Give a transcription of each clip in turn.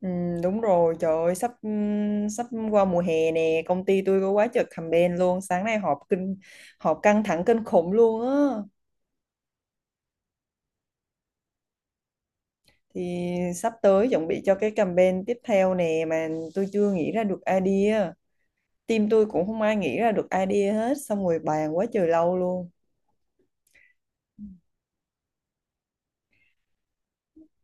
Ừ, đúng rồi, trời ơi, sắp qua mùa hè nè, công ty tôi có quá trời campaign luôn, sáng nay họp căng thẳng kinh khủng luôn á. Thì sắp tới chuẩn bị cho cái campaign tiếp theo nè mà tôi chưa nghĩ ra được idea. Team tôi cũng không ai nghĩ ra được idea hết, xong rồi bàn quá trời lâu luôn.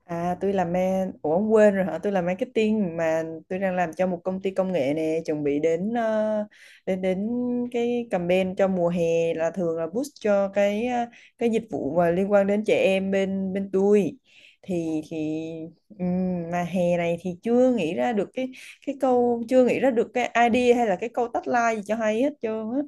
À tôi làm ma Ủa ông quên rồi hả? Tôi làm marketing mà, tôi đang làm cho một công ty công nghệ nè. Chuẩn bị đến ờ, đến đến cái campaign cho mùa hè. Là thường là boost cho cái dịch vụ mà liên quan đến trẻ em bên bên tôi, thì mà hè này thì chưa nghĩ ra được cái câu chưa nghĩ ra được cái idea hay là cái câu tagline gì cho hay hết trơn á.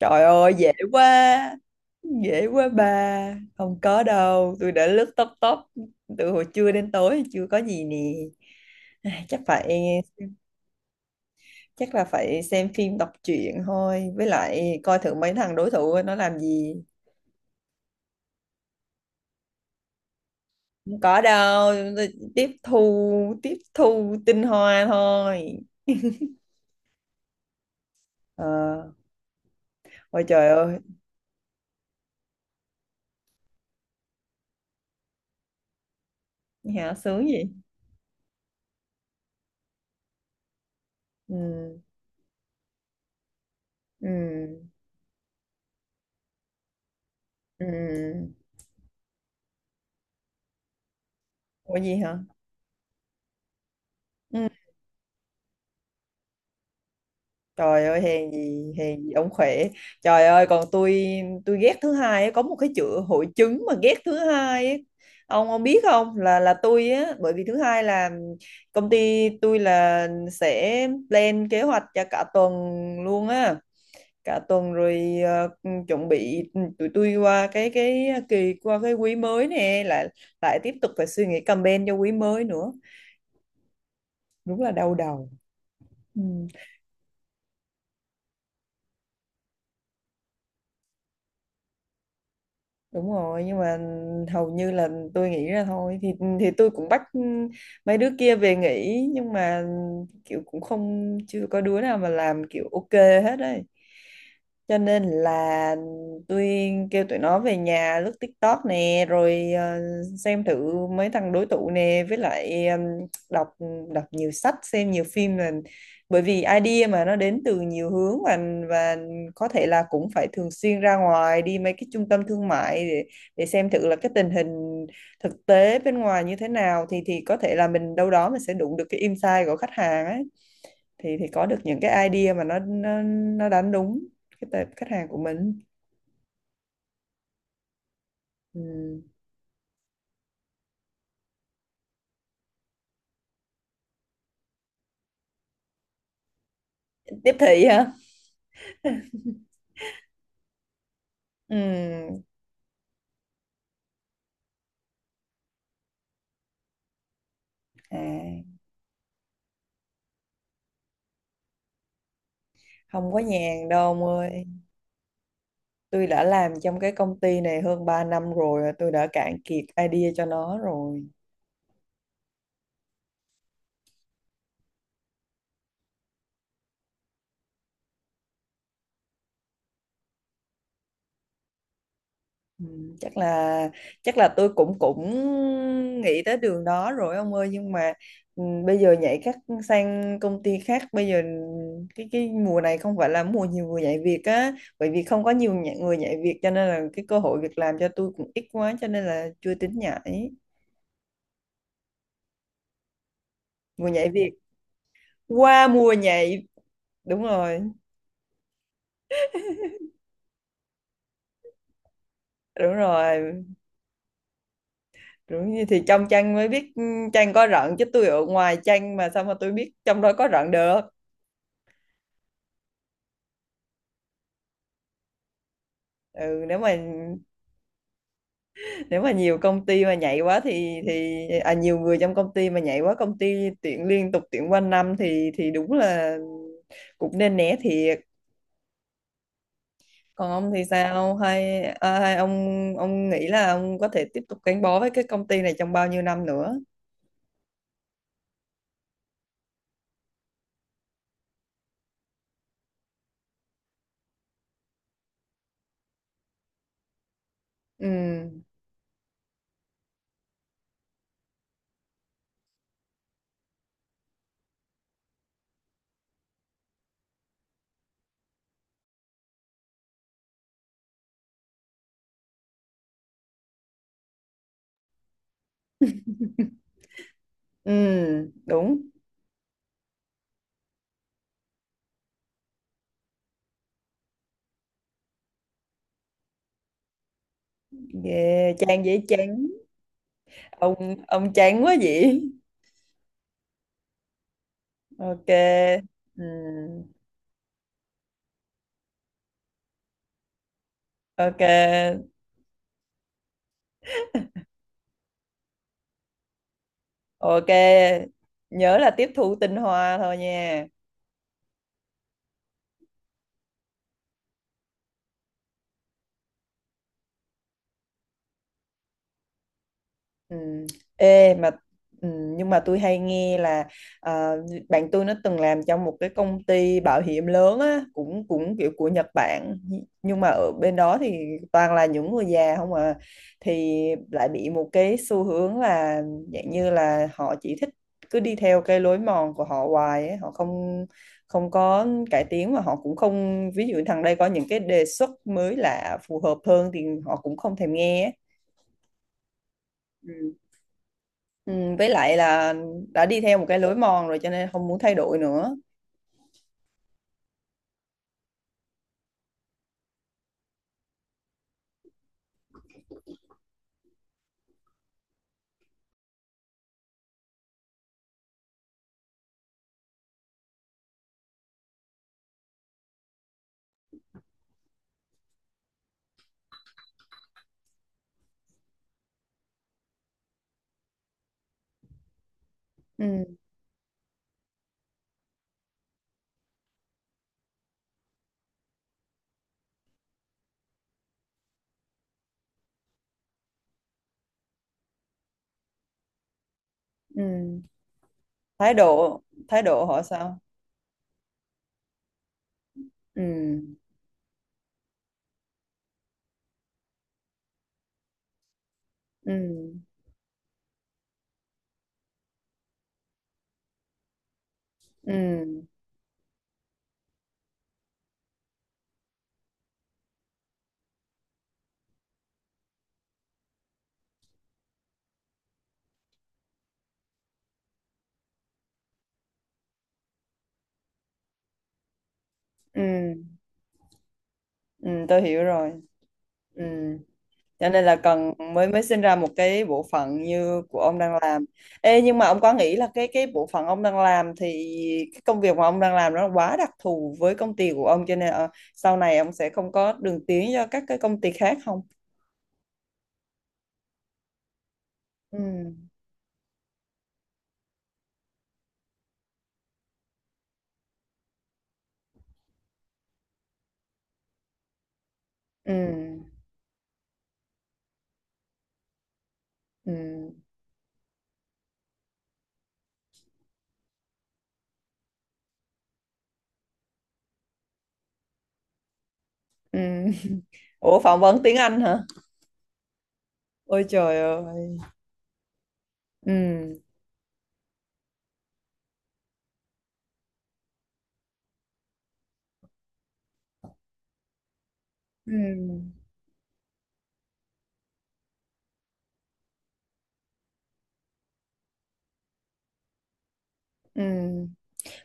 Trời ơi dễ quá. Dễ quá bà. Không có đâu. Tôi đã lướt top top từ hồi trưa đến tối chưa có gì nè. Ai, chắc phải, chắc là phải xem phim đọc truyện thôi. Với lại coi thử mấy thằng đối thủ nó làm gì. Không có đâu. Tôi tiếp thu, tiếp thu tinh hoa thôi. Ờ. Ôi trời ơi. Hả, sướng gì? Ừ. Ừ. Ừ. Ủa gì hả? Ừ. Trời ơi, hèn gì ông khỏe. Trời ơi, còn tôi ghét thứ hai á, có một cái chữ hội chứng mà ghét thứ hai á. Ông biết không, là tôi á, bởi vì thứ hai là công ty tôi là sẽ plan kế hoạch cho cả tuần luôn á. Cả tuần rồi chuẩn bị, tụi tôi qua cái kỳ, qua cái quý mới nè, lại lại tiếp tục phải suy nghĩ campaign cho quý mới nữa. Đúng là đau đầu. Ừ, đúng rồi, nhưng mà hầu như là tôi nghĩ ra thôi, thì tôi cũng bắt mấy đứa kia về nghỉ, nhưng mà kiểu cũng không, chưa có đứa nào mà làm kiểu ok hết đấy, cho nên là tôi kêu tụi nó về nhà lướt TikTok nè, rồi xem thử mấy thằng đối tụ nè, với lại đọc đọc nhiều sách, xem nhiều phim, là bởi vì idea mà nó đến từ nhiều hướng, và có thể là cũng phải thường xuyên ra ngoài đi mấy cái trung tâm thương mại để xem thử là cái tình hình thực tế bên ngoài như thế nào, thì có thể là mình đâu đó mình sẽ đụng được cái insight của khách hàng ấy, thì có được những cái idea mà nó đánh đúng cái tệp khách hàng của mình. Ừ. Tiếp thị hả? Ừ. À, không có nhàn đâu ông ơi, tôi đã làm trong cái công ty này hơn 3 năm rồi, tôi đã cạn kiệt idea cho nó rồi. Ừ, chắc là chắc là tôi cũng cũng nghĩ tới đường đó rồi ông ơi, nhưng mà ừ, bây giờ nhảy các sang công ty khác bây giờ, cái mùa này không phải là mùa nhiều người nhảy việc á, bởi vì không có người nhảy việc, cho nên là cái cơ hội việc làm cho tôi cũng ít quá, cho nên là chưa tính nhảy. Mùa nhảy việc. Qua mùa nhảy. Đúng rồi. Đúng rồi. Đúng. Như thì trong chăn mới biết, ừ, chăn có rận, chứ tôi ở ngoài chăn mà sao mà tôi biết trong đó có rận được. Ừ, nếu mà nhiều công ty mà nhảy quá thì à, nhiều người trong công ty mà nhảy quá, công ty tuyển liên tục tuyển quanh năm, thì đúng là cũng nên né thiệt. Còn ông thì sao, hay, à, hay ông nghĩ là ông có thể tiếp tục gắn bó với cái công ty này trong bao nhiêu năm nữa? Ừ. Ừ. Đúng. Yeah, chán, dễ chán. Ông chán quá vậy? Ok. Ừ. Ok. Ok, nhớ là tiếp thu tinh hoa thôi nha. Ừ. Ê mà ừ, nhưng mà tôi hay nghe là ờ, bạn tôi nó từng làm trong một cái công ty bảo hiểm lớn á, cũng cũng kiểu của Nhật Bản, nhưng mà ở bên đó thì toàn là những người già không à, thì lại bị một cái xu hướng là dạng như là họ chỉ thích cứ đi theo cái lối mòn của họ hoài ấy. Họ không không có cải tiến, mà họ cũng không, ví dụ thằng đây có những cái đề xuất mới lạ phù hợp hơn thì họ cũng không thèm nghe ấy. Ừ, với lại là đã đi theo một cái lối mòn rồi cho nên không muốn thay đổi nữa. Ừ. Ừ. thái độ thái độ họ sao? Ừ. Ừ. Ừ. Ừ. Ừ, tôi hiểu rồi. Ừ. Cho nên là cần, mới mới sinh ra một cái bộ phận như của ông đang làm. Ê, nhưng mà ông có nghĩ là cái bộ phận ông đang làm thì cái công việc mà ông đang làm nó quá đặc thù với công ty của ông, cho nên sau này ông sẽ không có đường tiến cho các cái công ty khác không? Ừ. Ừ. Ừ. Ừ. Ừ. Ủa phỏng vấn tiếng Anh hả? Ôi trời ơi. Ừ. Ừ. Ừ.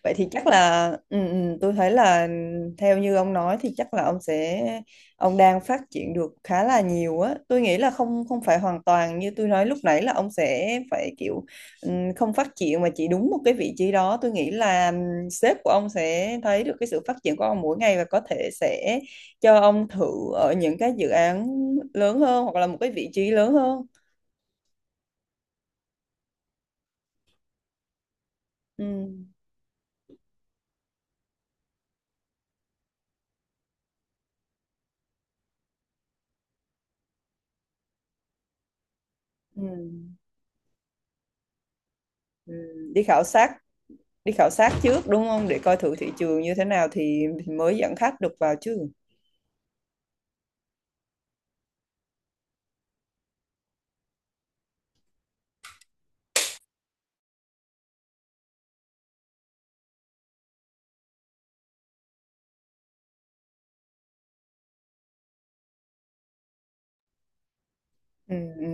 Vậy thì chắc là ừ, ừ, tôi thấy là theo như ông nói thì chắc là ông sẽ, ông đang phát triển được khá là nhiều á. Tôi nghĩ là không không phải hoàn toàn như tôi nói lúc nãy là ông sẽ phải kiểu ừ, không phát triển mà chỉ đúng một cái vị trí đó. Tôi nghĩ là ừ, sếp của ông sẽ thấy được cái sự phát triển của ông mỗi ngày và có thể sẽ cho ông thử ở những cái dự án lớn hơn hoặc là một cái vị trí lớn hơn. Ừ. Ừ. Ừ. Đi khảo sát, đi khảo sát trước đúng không? Để coi thử thị trường như thế nào thì mới dẫn khách được vào chứ. Ừ. Ừ.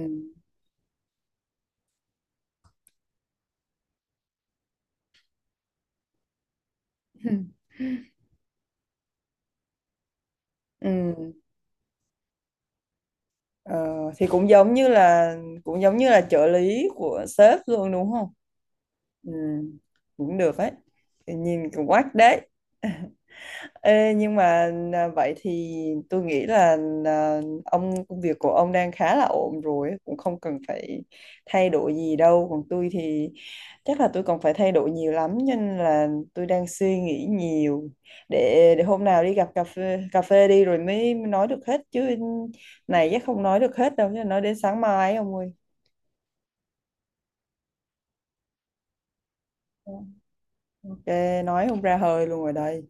Ừ. Ờ, thì cũng giống như là, cũng giống như là trợ lý của sếp luôn đúng không? Ừ, cũng được ấy. Thì nhìn cũng quát đấy. Ê, nhưng mà à, vậy thì tôi nghĩ là à, ông, công việc của ông đang khá là ổn rồi, cũng không cần phải thay đổi gì đâu. Còn tôi thì chắc là tôi còn phải thay đổi nhiều lắm, cho nên là tôi đang suy nghĩ nhiều. Để hôm nào đi gặp cà phê đi rồi mới nói được hết chứ, này chắc không nói được hết đâu, chứ nói đến sáng mai ấy ông ơi. Ờ, ok, nói không ra hơi luôn rồi đây.